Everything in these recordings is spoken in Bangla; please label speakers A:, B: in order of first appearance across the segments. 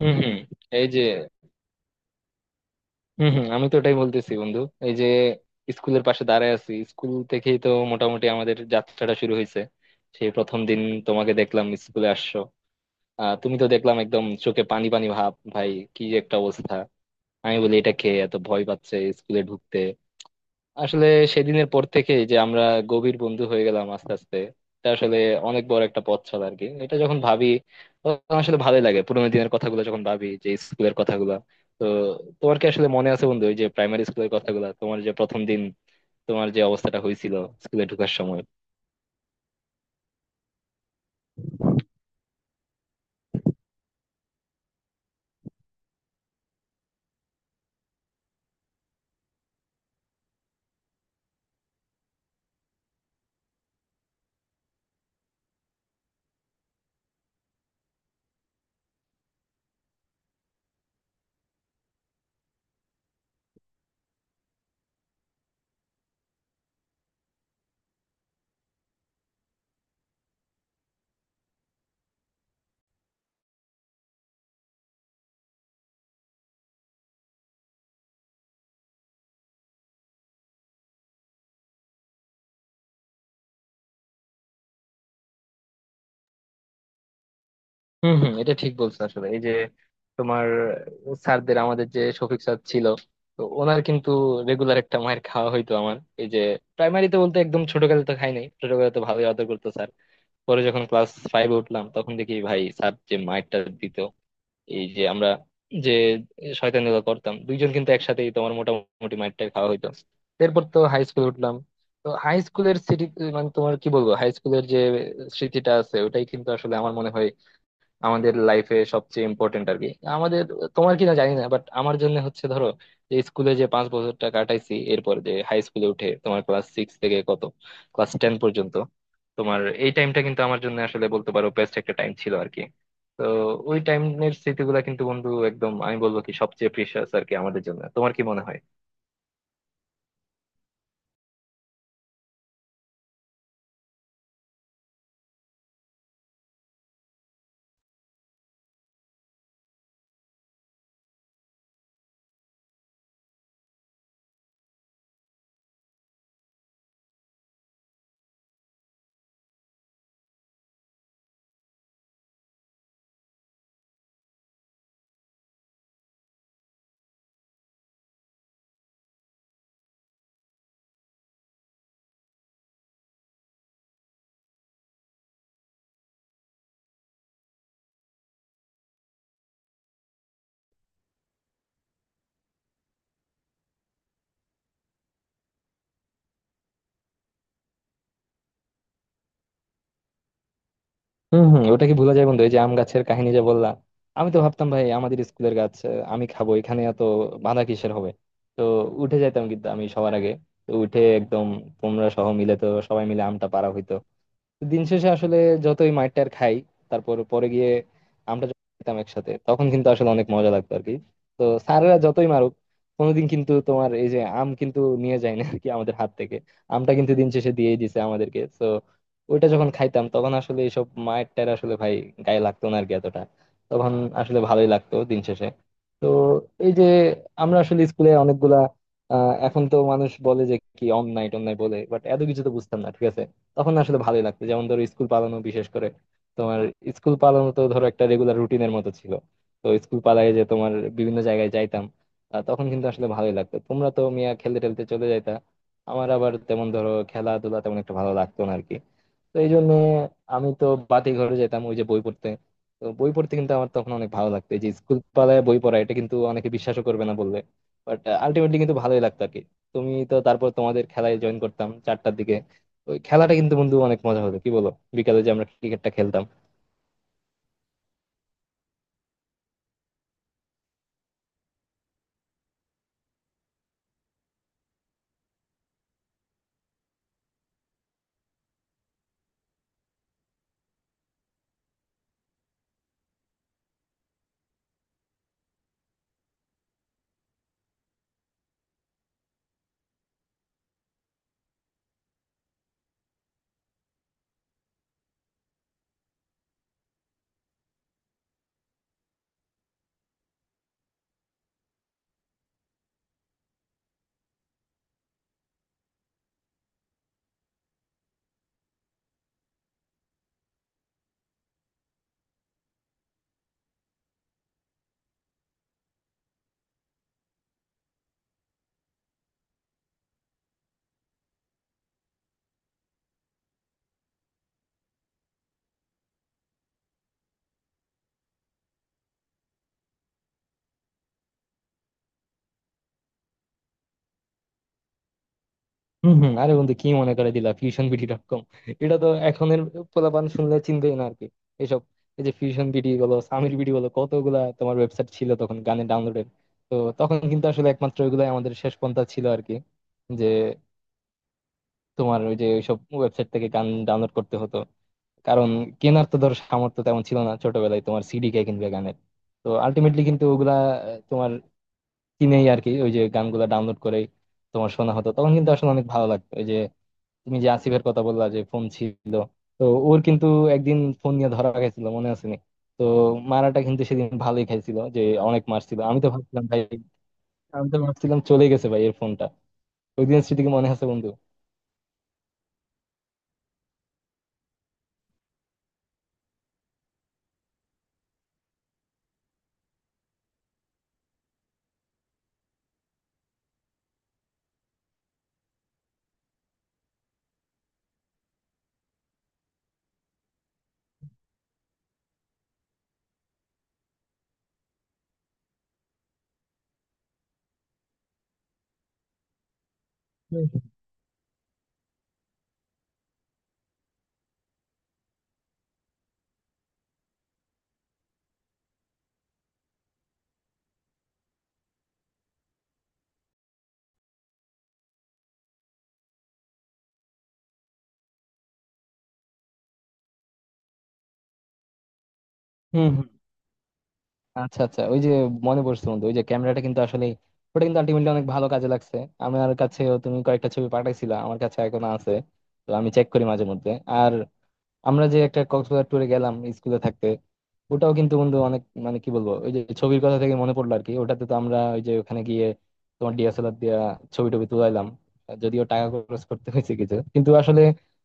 A: হম হম। এই যে, হম হম, আমি তো ওটাই বলতেছি বন্ধু। এই যে স্কুলের পাশে দাঁড়ায় আছি, স্কুল থেকেই তো মোটামুটি আমাদের যাত্রাটা শুরু হয়েছে। সেই প্রথম দিন তোমাকে দেখলাম স্কুলে আসছো। তুমি তো দেখলাম একদম চোখে পানি পানি ভাব ভাই, কি যে একটা অবস্থা। আমি বলি এটা খেয়ে এত ভয় পাচ্ছে স্কুলে ঢুকতে। আসলে সেদিনের পর থেকে যে আমরা গভীর বন্ধু হয়ে গেলাম আস্তে আস্তে, এটা আসলে অনেক বড় একটা পথ চলা আর কি। এটা যখন ভাবি তখন আসলে ভালোই লাগে, পুরোনো দিনের কথাগুলো যখন ভাবি, যে স্কুলের কথাগুলো। তো তোমার কি আসলে মনে আছে বন্ধু, ওই যে প্রাইমারি স্কুলের কথাগুলো, তোমার যে প্রথম দিন তোমার যে অবস্থাটা হয়েছিল স্কুলে ঢোকার সময়? হম হম, এটা ঠিক বলছো। আসলে এই যে তোমার, স্যারদের, আমাদের যে শফিক স্যার ছিল তো ওনার কিন্তু রেগুলার একটা মায়ের খাওয়া হইতো আমার। এই যে প্রাইমারিতে বলতে একদম ছোটকালে তো খাই নাই, ছোটকালে তো ভালোই আদর করতো স্যার। পরে যখন ক্লাস 5-এ উঠলাম তখন দেখি ভাই স্যার যে মাইরটা দিত, এই যে আমরা যে শয়তানিগুলো করতাম দুইজন কিন্তু একসাথেই, তোমার মোটামুটি মাইরটা খাওয়া হইতো। এরপর তো হাই স্কুলে উঠলাম। তো হাই স্কুলের স্মৃতি, মানে তোমার কি বলবো, হাই স্কুলের যে স্মৃতিটা আছে ওটাই কিন্তু আসলে আমার মনে হয় আমাদের লাইফে সবচেয়ে ইম্পর্টেন্ট আর কি। আমাদের, তোমার কিনা জানি না, বাট আমার জন্য হচ্ছে ধরো, যে স্কুলে যে 5 বছরটা কাটাইছি, এরপর যে হাই স্কুলে উঠে তোমার ক্লাস 6 থেকে কত ক্লাস 10 পর্যন্ত, তোমার এই টাইমটা কিন্তু আমার জন্য আসলে বলতে পারো বেস্ট একটা টাইম ছিল আর কি। তো ওই টাইমের স্মৃতিগুলো কিন্তু বন্ধু একদম, আমি বলবো কি, সবচেয়ে প্রিশিয়াস আর কি আমাদের জন্য। তোমার কি মনে হয়? হম হম, ওটা কি ভুলা যায় বন্ধু? এই যে আম গাছের কাহিনী যে বললা, আমি তো ভাবতাম ভাই আমাদের স্কুলের গাছ, আমি খাবো, এখানে এত বাধা কিসের হবে। তো উঠে যাইতাম কিন্তু আমি সবার আগে, তো উঠে একদম তোমরা সহ মিলে, তো সবাই মিলে আমটা পাড়া হইতো। দিন শেষে আসলে যতই মাইর টার খাই, তারপর পরে গিয়ে আমরা যখন খেতাম একসাথে, তখন কিন্তু আসলে অনেক মজা লাগতো আর কি। তো স্যারেরা যতই মারুক, কোনোদিন কিন্তু তোমার এই যে আম কিন্তু নিয়ে যায় না আর কি আমাদের হাত থেকে, আমটা কিন্তু দিন শেষে দিয়েই দিছে আমাদেরকে। তো ওইটা যখন খাইতাম তখন আসলে এইসব মায়ের টায়ের আসলে ভাই গায়ে লাগতো না আর কি এতটা। তখন আসলে ভালোই লাগতো দিন শেষে। তো এই যে আমরা আসলে স্কুলে অনেকগুলা, এখন তো মানুষ বলে যে কি অন নাইট অন বলে, বাট এত কিছু তো বুঝতাম না ঠিক আছে। তখন না আসলে ভালোই লাগতো, যেমন ধরো স্কুল পালানো, বিশেষ করে তোমার স্কুল পালানো তো ধরো একটা রেগুলার রুটিনের মতো ছিল। তো স্কুল পালায় যে তোমার বিভিন্ন জায়গায় যাইতাম, তখন কিন্তু আসলে ভালোই লাগতো। তোমরা তো মিয়া খেলতে টেলতে চলে যাইতা, আমার আবার তেমন ধরো খেলাধুলা তেমন একটা ভালো লাগতো না আরকি। তো এই জন্য আমি তো বাতি ঘরে যেতাম ওই যে বই পড়তে। তো বই পড়তে কিন্তু আমার তখন অনেক ভালো লাগতো। এই যে স্কুল পালায় বই পড়া, এটা কিন্তু অনেকে বিশ্বাসও করবে না বললে, বাট আলটিমেটলি কিন্তু ভালোই লাগতো আর কি। তুমি তো, তারপর তোমাদের খেলায় জয়েন করতাম 4টার দিকে, ওই খেলাটা কিন্তু বন্ধু অনেক মজা হতো কি বলো, বিকালে যে আমরা ক্রিকেটটা খেলতাম। হম হম, আরে বন্ধু কি মনে করে দিলা, fusionbd.com! এটা তো এখনের পোলাপান শুনলে চিনবেই না আরকি এসব। এই যে ফিউশন বিডি বলো, সামির বিডি বলো, কতগুলা তোমার ওয়েবসাইট ছিল তখন গানের ডাউনলোডের। তো তখন কিন্তু আসলে একমাত্র ওইগুলাই আমাদের শেষ পন্থা ছিল আরকি, যে তোমার ওই যে ওইসব ওয়েবসাইট থেকে গান ডাউনলোড করতে হতো। কারণ কেনার তো ধর সামর্থ্য তেমন ছিল না ছোটবেলায়, তোমার সিডি কে কিনবে গানের। তো আলটিমেটলি কিন্তু ওগুলা, তোমার কিনেই আর কি ওই যে গানগুলো ডাউনলোড করেই তোমার শোনা হতো। তখন কিন্তু আসলে অনেক ভালো লাগতো। ওই যে তুমি যে আসিফের কথা বললা যে ফোন ছিল, তো ওর কিন্তু একদিন ফোন নিয়ে ধরা খাইছিল মনে আছে নি? তো মারাটা কিন্তু সেদিন ভালোই খাইছিল যে, অনেক মারছিল। আমি তো ভাবছিলাম ভাই, আমি তো ভাবছিলাম চলে গেছে ভাই এর ফোনটা। ওই দিনের স্মৃতি কি মনে আছে বন্ধু? হুম, হুম। হম হম, আচ্ছা আচ্ছা, ওই যে মনে পড়ছে বন্ধু, ওই যে ক্যামেরাটা কিন্তু আসলে, ওটা কিন্তু আলটিমেটলি অনেক ভালো কাজে লাগছে। আমার কাছেও তুমি কয়েকটা ছবি পাঠাইছিলা, আমার কাছে এখনো আছে। তো আমি চেক করি মাঝে মধ্যে। আর আমরা যে একটা কক্সবাজার ট্যুরে গেলাম স্কুলে থাকতে, ওটাও কিন্তু বন্ধু অনেক, মানে কি বলবো, ওই যে ছবির কথা থেকে মনে পড়লো আর কি। ওটাতে তো আমরা ওই যে ওখানে গিয়ে তোমার DSLR দিয়ে ছবি টবি তুলাইলাম। যদিও টাকা খরচ করতে হয়েছে কিছু, কিন্তু আসলে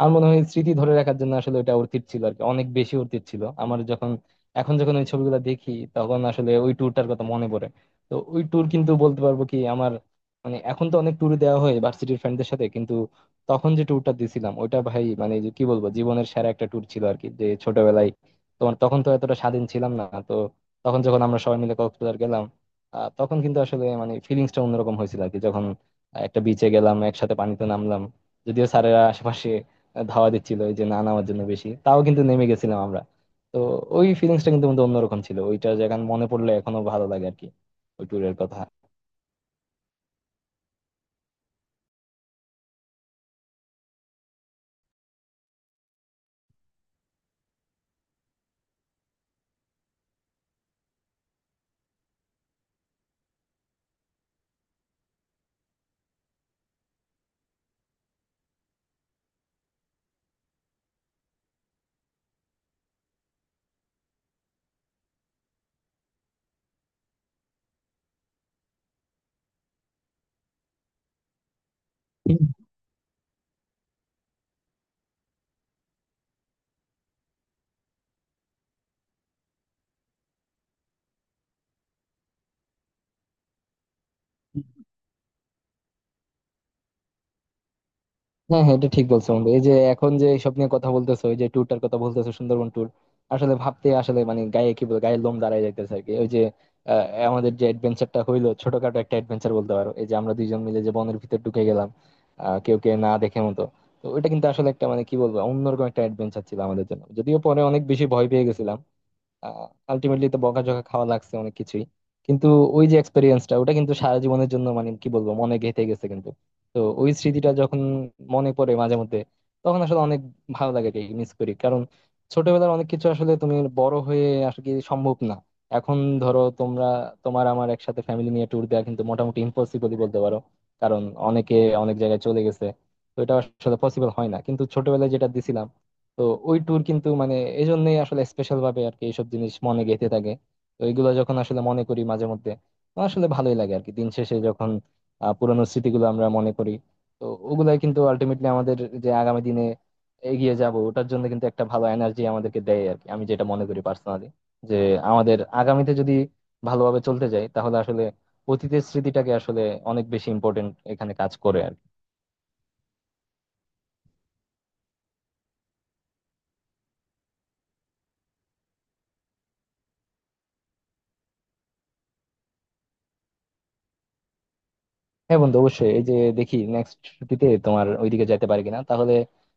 A: আমার মনে হয় স্মৃতি ধরে রাখার জন্য আসলে ওটা অর্থিত ছিল আর কি, অনেক বেশি অর্থিত ছিল আমার, যখন এখন যখন ওই ছবিগুলো দেখি তখন আসলে ওই ট্যুরটার কথা মনে পড়ে। তো ওই ট্যুর কিন্তু বলতে পারবো কি আমার, মানে এখন তো অনেক ট্যুর দেওয়া হয় ভার্সিটির ফ্রেন্ডদের সাথে, কিন্তু তখন যে ট্যুরটা দিছিলাম ওইটা ভাই, মানে যে কি বলবো, জীবনের সেরা একটা ট্যুর ছিল আর কি, যে ছোটবেলায় তোমার, তখন তো এতটা স্বাধীন ছিলাম না তো। তখন যখন আমরা সবাই মিলে কক্সবাজার গেলাম, তখন কিন্তু আসলে মানে ফিলিংসটা অন্যরকম হয়েছিল আর কি, যখন একটা বিচে গেলাম একসাথে, পানিতে নামলাম। যদিও স্যারেরা আশেপাশে ধাওয়া দিচ্ছিল এই যে না নামার জন্য বেশি, তাও কিন্তু নেমে গেছিলাম আমরা। তো ওই ফিলিংসটা কিন্তু আমাদের অন্যরকম ছিল, ওইটা যেখানে মনে পড়লে এখনো ভালো লাগে আর কি, ওই ট্যুরের কথা। হ্যাঁ হ্যাঁ, এটা ঠিক বলছো বন্ধু। এই যে এখন যে সব নিয়ে কথা বলতেছো, ওই যে ট্যুরটার কথা বলতেছো সুন্দরবন ট্যুর, আসলে ভাবতে, আসলে মানে গায়ে কি বলে গায়ে লোম দাঁড়ায় যাইতেছে আর কি। ওই যে আহ, আমাদের যে অ্যাডভেঞ্চারটা হইলো, ছোটখাটো একটা অ্যাডভেঞ্চার বলতে পারো, এই যে আমরা দুইজন মিলে যে বনের ভিতর ঢুকে গেলাম, কেউ কে না দেখে মতো। তো ওইটা কিন্তু আসলে একটা মানে কি বলবো অন্যরকম একটা অ্যাডভেঞ্চার ছিল আমাদের জন্য, যদিও পরে অনেক বেশি ভয় পেয়ে গেছিলাম। আলটিমেটলি তো বকাঝকা খাওয়া লাগছে অনেক কিছুই, কিন্তু ওই যে এক্সপেরিয়েন্সটা, ওটা কিন্তু সারা জীবনের জন্য মানে কি বলবো মনে গেঁথে গেছে কিন্তু। তো ওই স্মৃতিটা যখন মনে পড়ে মাঝে মধ্যে, তখন আসলে অনেক ভালো লাগে, যে মিস করি। কারণ ছোটবেলার অনেক কিছু আসলে তুমি বড় হয়ে আসলে কি সম্ভব না এখন। ধরো তোমরা, তোমার আমার একসাথে ফ্যামিলি নিয়ে ট্যুর দেওয়া কিন্তু মোটামুটি ইম্পসিবলই বলতে পারো। কারণ অনেকে অনেক জায়গায় চলে গেছে। তো এটা আসলে পসিবল হয় না, কিন্তু ছোটবেলায় যেটা দিছিলাম, তো ওই ট্যুর কিন্তু মানে এই জন্যই আসলে স্পেশাল ভাবে আর কি এইসব জিনিস মনে গেঁথে থাকে। তো এইগুলো যখন আসলে মনে করি মাঝে মধ্যে, তো আসলে ভালোই লাগে আর কি দিন শেষে, যখন পুরানো স্মৃতিগুলো আমরা মনে করি। তো ওগুলাই কিন্তু আলটিমেটলি আমাদের যে আগামী দিনে এগিয়ে যাব, ওটার জন্য কিন্তু একটা ভালো এনার্জি আমাদেরকে দেয় আর কি, আমি যেটা মনে করি পার্সোনালি, যে আমাদের আগামীতে যদি ভালোভাবে চলতে যাই তাহলে আসলে অতীতের স্মৃতিটাকে আসলে অনেক বেশি ইম্পর্টেন্ট এখানে কাজ করে আর কি। হ্যাঁ বন্ধু অবশ্যই, এই যে দেখি নেক্সট ছুটিতে তোমার ওইদিকে যাইতে পারি কিনা, তাহলে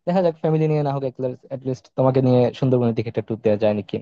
A: দেখা যাক, ফ্যামিলি নিয়ে না হোক অ্যাটলিস্ট তোমাকে নিয়ে সুন্দরবনের দিকে একটা ট্যুর দেওয়া যায় নাকি।